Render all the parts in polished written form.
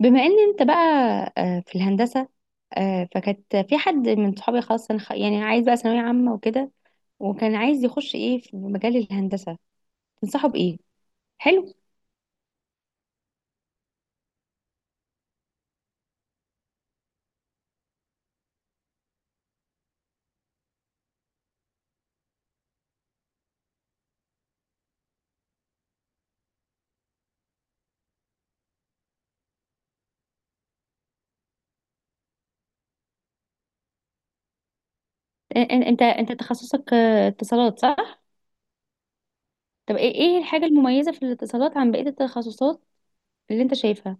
بما ان انت بقى في الهندسة. فكانت في حد من صحابي خلاص أنا يعني عايز بقى ثانوية عامة وكده، وكان عايز يخش ايه في مجال الهندسة. تنصحه بإيه؟ حلو. انت تخصصك اتصالات صح؟ طب ايه الحاجة المميزة في الاتصالات عن بقية التخصصات اللي انت شايفها؟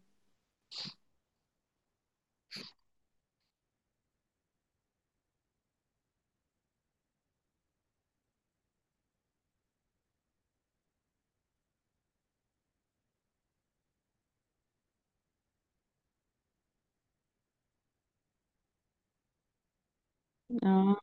اه.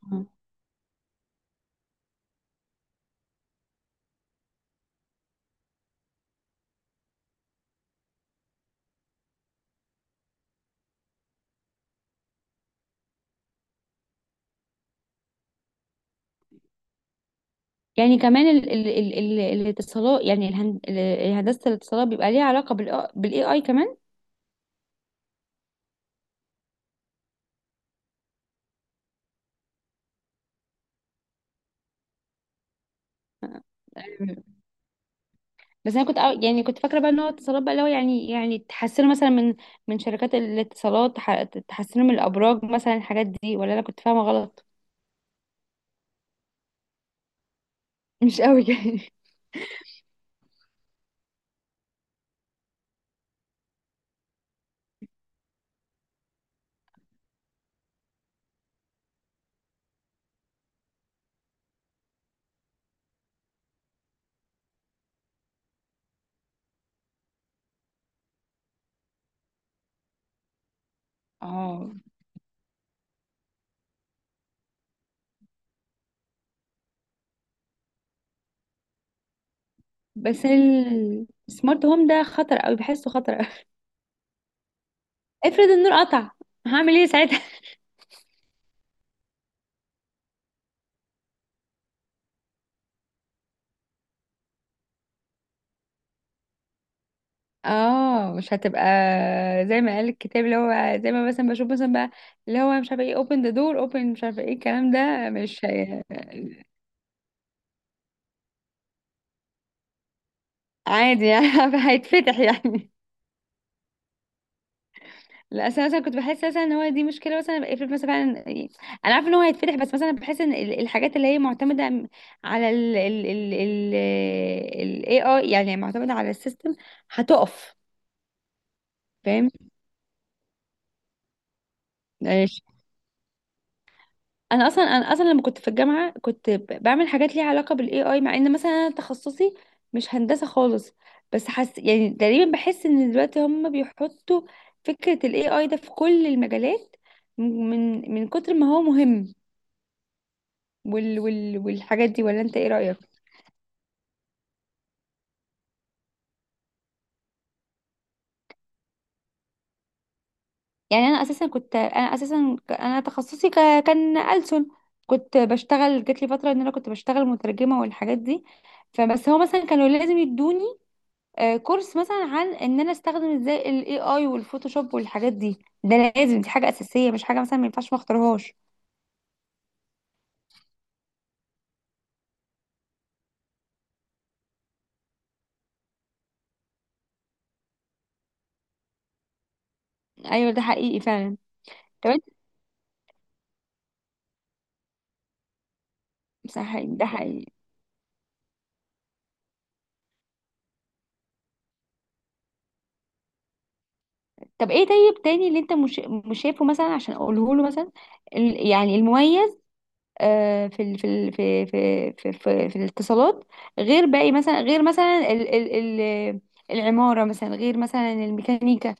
يعني كمان ال الاتصالات، يعني هندسة الاتصالات بيبقى ليها علاقة بالاي اي كمان؟ بس انا كنت يعني كنت فاكره بقى ان هو اتصالات بقى اللي هو يعني تحسنوا مثلا من من شركات الاتصالات تحسنوا من الابراج مثلا الحاجات دي، ولا انا كنت فاهمه غلط؟ مش قوي يعني. اه. بس السمارت هوم ده خطر قوي، بحسه خطر قوي. افرض النور قطع، هعمل ايه ساعتها؟ اه مش هتبقى زي ما قال الكتاب، اللي هو زي ما مثلا بشوف مثلا بقى، اللي هو مش عارفه ايه open the door open، مش عارفه ايه الكلام ده، مش هي... عادي يعني. هيتفتح يعني. لا أصل أنا مثلا كنت بحس مثلا ان هو دي مشكله، مثلا افرض مثلا فعلا يعني انا عارفه ان هو هيتفتح، بس مثلا بحس ان الحاجات اللي هي معتمده على ال AI، يعني معتمده على السيستم هتقف. فاهم. ماشي. انا اصلا لما كنت في الجامعه كنت بعمل حاجات ليها علاقه بالاي اي، مع ان مثلا انا تخصصي مش هندسه خالص. بس حس يعني تقريبا، بحس ان دلوقتي هم بيحطوا فكره الاي اي ده في كل المجالات من من كتر ما هو مهم، وال والحاجات دي، ولا انت ايه رأيك؟ يعني انا اساسا انا تخصصي كان ألسن. كنت بشتغل، جات لي فترة ان انا كنت بشتغل مترجمة والحاجات دي. فبس هو مثلا كانوا لازم يدوني كورس مثلا عن ان انا استخدم ازاي الاي اي والفوتوشوب والحاجات دي. ده لازم، دي حاجة اساسية مش حاجة مثلا ما ينفعش ما اختارهاش. ايوه، ده حقيقي فعلا. طب انت. صح ده حقيقي. طب ايه طيب تاني اللي انت مش شايفه مثلا عشان اقوله له مثلا، يعني المميز في ال في ال في في في في, في الاتصالات، غير باقي مثلا، غير مثلا ال العمارة مثلا، غير مثلا الميكانيكا.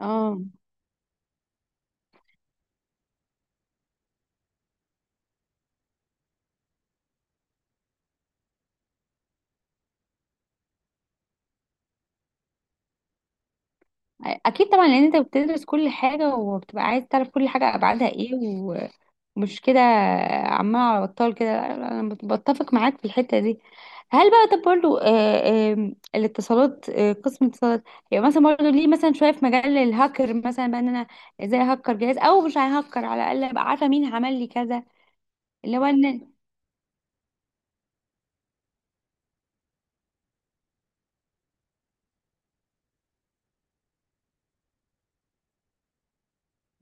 اه اكيد طبعا، لان انت بتدرس كل حاجة وبتبقى عايز تعرف كل حاجة ابعادها ايه. مش كده؟ عمال على بطال كده. لا، لا، انا بتفق معاك في الحته دي. هل بقى طب برضه الاتصالات، قسم الاتصالات، يعني مثلا برضه ليه مثلا شويه في مجال الهاكر مثلا، بقى ان انا ازاي هكر جهاز او مش ههكر، على الاقل ابقى عارفه مين عمل لي كذا، اللي هو ان.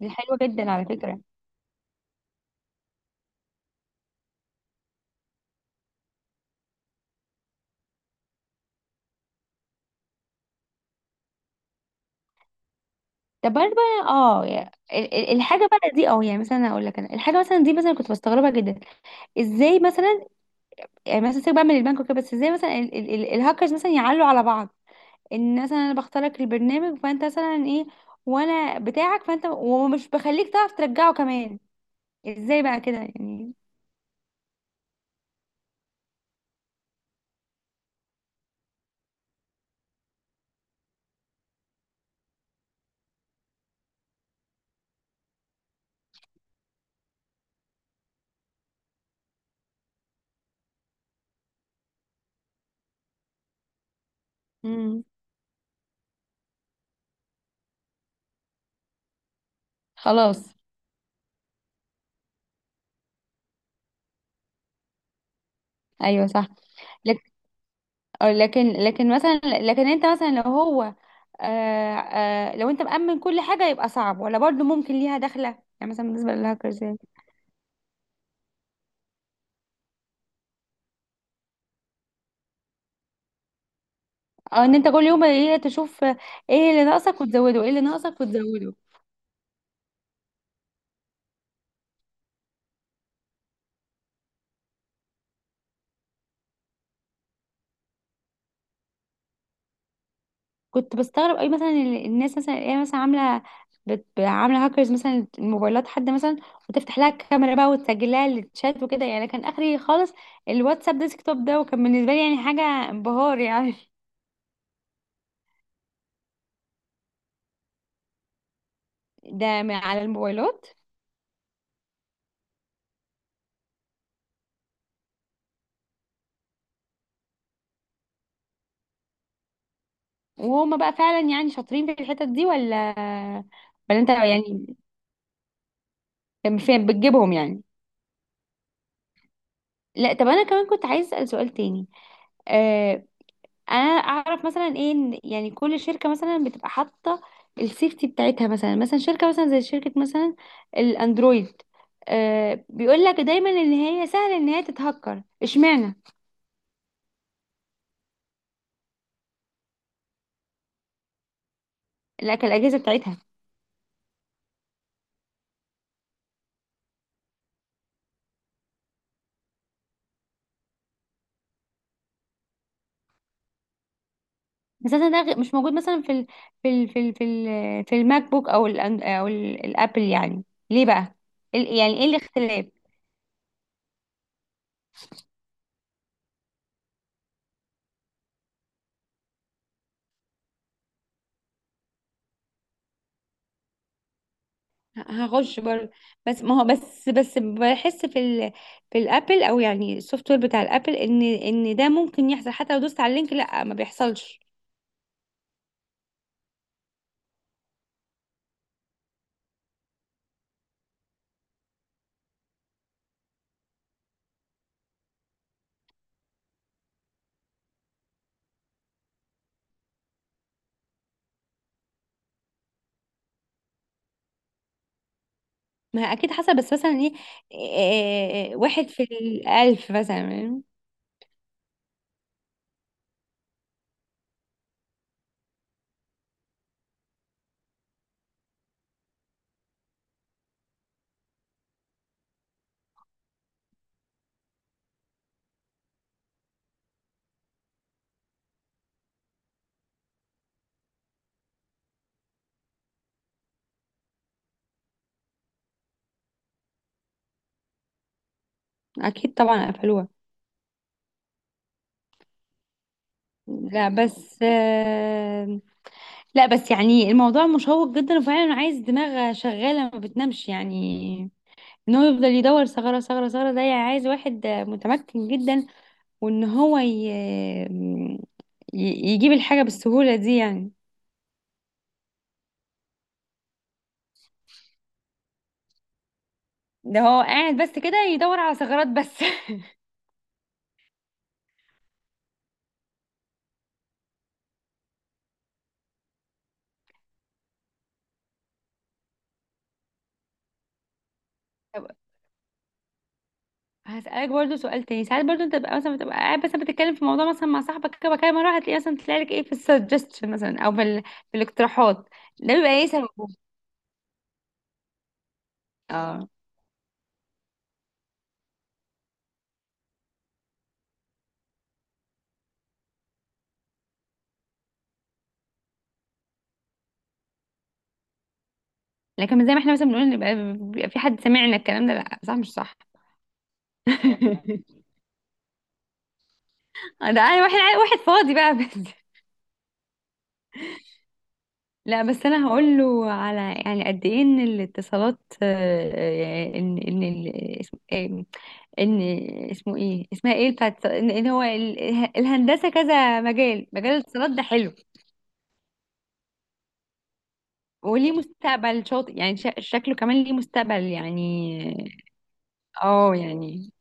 دي حلوه جدا على فكره. طب برضه بقى اه، يعني الحاجه بقى دي، اه يعني مثلا اقول لك انا الحاجه مثلا دي مثلا كنت بستغربها جدا. ازاي مثلا، يعني مثلا سيبك بقى من البنك وكده، بس ازاي مثلا الهاكرز مثلا يعلوا على بعض؟ ان مثلا انا بختار لك البرنامج فانت مثلا ايه، وانا بتاعك فانت ومش بخليك تعرف ترجعه كمان. ازاي بقى كده يعني؟ امم خلاص. ايوه صح. لك- لكن مثلا لكن انت مثلا لو هو آه آه لو انت مأمن كل حاجة يبقى صعب، ولا برضو ممكن ليها دخلة يعني، مثلا بالنسبة للهاكرز يعني؟ اه، ان انت كل يوم ايه، تشوف ايه اللي ناقصك وتزوده، ايه اللي ناقصك وتزوده. كنت بستغرب قوي مثلا الناس مثلا ايه مثلا عامله، عامله هاكرز مثلا الموبايلات، حد مثلا وتفتح لها الكاميرا بقى، وتسجل لها الشات وكده، يعني كان اخري خالص الواتساب ديسكتوب ده، وكان بالنسبه لي يعني حاجه انبهار يعني. ده من على الموبايلات. وهما بقى فعلا يعني شاطرين في الحتت دي ولا، ولا انت يعني كان فين بتجيبهم يعني؟ لا طب انا كمان كنت عايز اسال سؤال تاني. آه، انا اعرف مثلا ايه، إن يعني كل شركه مثلا بتبقى حاطه السيفتي بتاعتها، مثلا مثلا شركه مثلا زي شركه مثلا الاندرويد، آه بيقول لك دايما ان هي سهل ان هي تتهكر. اشمعنى لكن الاجهزه بتاعتها؟ اساسا ده مش موجود مثلا ال في الماك بوك او ال الابل يعني. ليه بقى؟ يعني ايه الاختلاف؟ هخش برضه. بس ما هو بس بحس في ال، في الابل او يعني السوفت وير بتاع الابل، ان ده ممكن يحصل حتى لو دوست على اللينك، لا ما بيحصلش. ما اكيد حصل، بس مثلا ايه، واحد في الالف مثلا. اكيد طبعا قفلوها. لا بس لا بس يعني الموضوع مشوق جدا، وفعلا عايز دماغ شغالة ما بتنامش يعني. ان هو يفضل يدور ثغرة، ثغرة، ثغرة، ده يعني عايز واحد متمكن جدا، وان هو يجيب الحاجة بالسهولة دي يعني. ده هو قاعد بس كده يدور على ثغرات بس. طب هسألك برضو سؤال تاني. ساعات برضو انت بتبقى مثلا، بتبقى قاعد مثلا بتتكلم في موضوع مثلا مع صاحبك كده كده مرة، هتلاقي مثلا تلاقي لك ايه في السجستشن مثلا، او في, في الاقتراحات. ده بيبقى ايه سببه؟ اه، لكن زي ما احنا مثلا بنقول نبقى بيبقى في حد سامعنا الكلام ده، لا صح مش صح؟ ده انا واحد واحد فاضي بقى بس. لا بس انا هقول له على، يعني قد ايه ان الاتصالات ان ان اسمه ايه، اسمها ايه بتاعت ان، إن هو الهندسه كذا مجال، مجال الاتصالات ده حلو. وليه مستقبل شاطئ يعني، شكله كمان ليه مستقبل يعني. اه يعني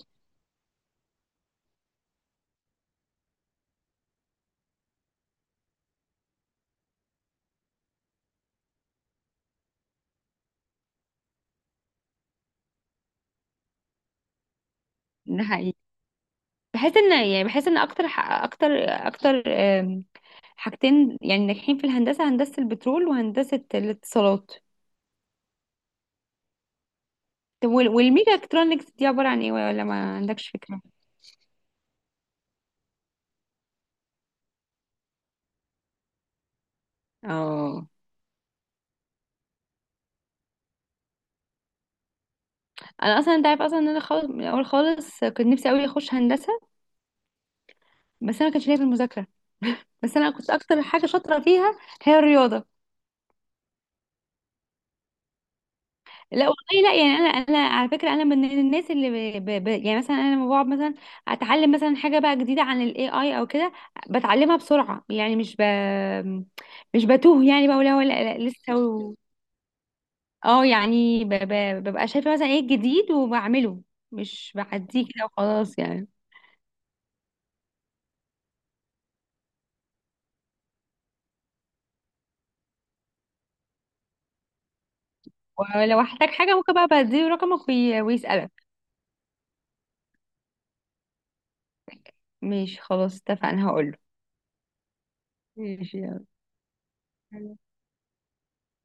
ده حقيقي. بحس ان يعني بحس ان اكتر اكتر حاجتين يعني ناجحين في الهندسه، هندسه البترول وهندسه الاتصالات. طب والميجا الكترونكس دي عبارة عن ايه، ولا ما عندكش فكرة؟ اه. انا اصلا انت عارف اصلا ان انا خالص من الاول خالص كنت نفسي قوي اخش هندسة، بس انا ما كانش ليا في المذاكرة. بس انا كنت اكتر حاجة شاطرة فيها هي الرياضة. لا والله لا يعني، انا انا على فكرة انا من الناس اللي يعني مثلا انا لما بقعد مثلا اتعلم مثلا حاجة بقى جديدة عن الاي اي او كده، بتعلمها بسرعة يعني. مش بتوه يعني، بقول لا، ولا لا لسه. اه يعني ببقى شايفة مثلا ايه الجديد وبعمله، مش بعديه كده وخلاص يعني. ولو احتاج حاجة ممكن بقى بديله رقمك، ويسألك. ماشي خلاص اتفقنا، هقوله. ماشي. يلا.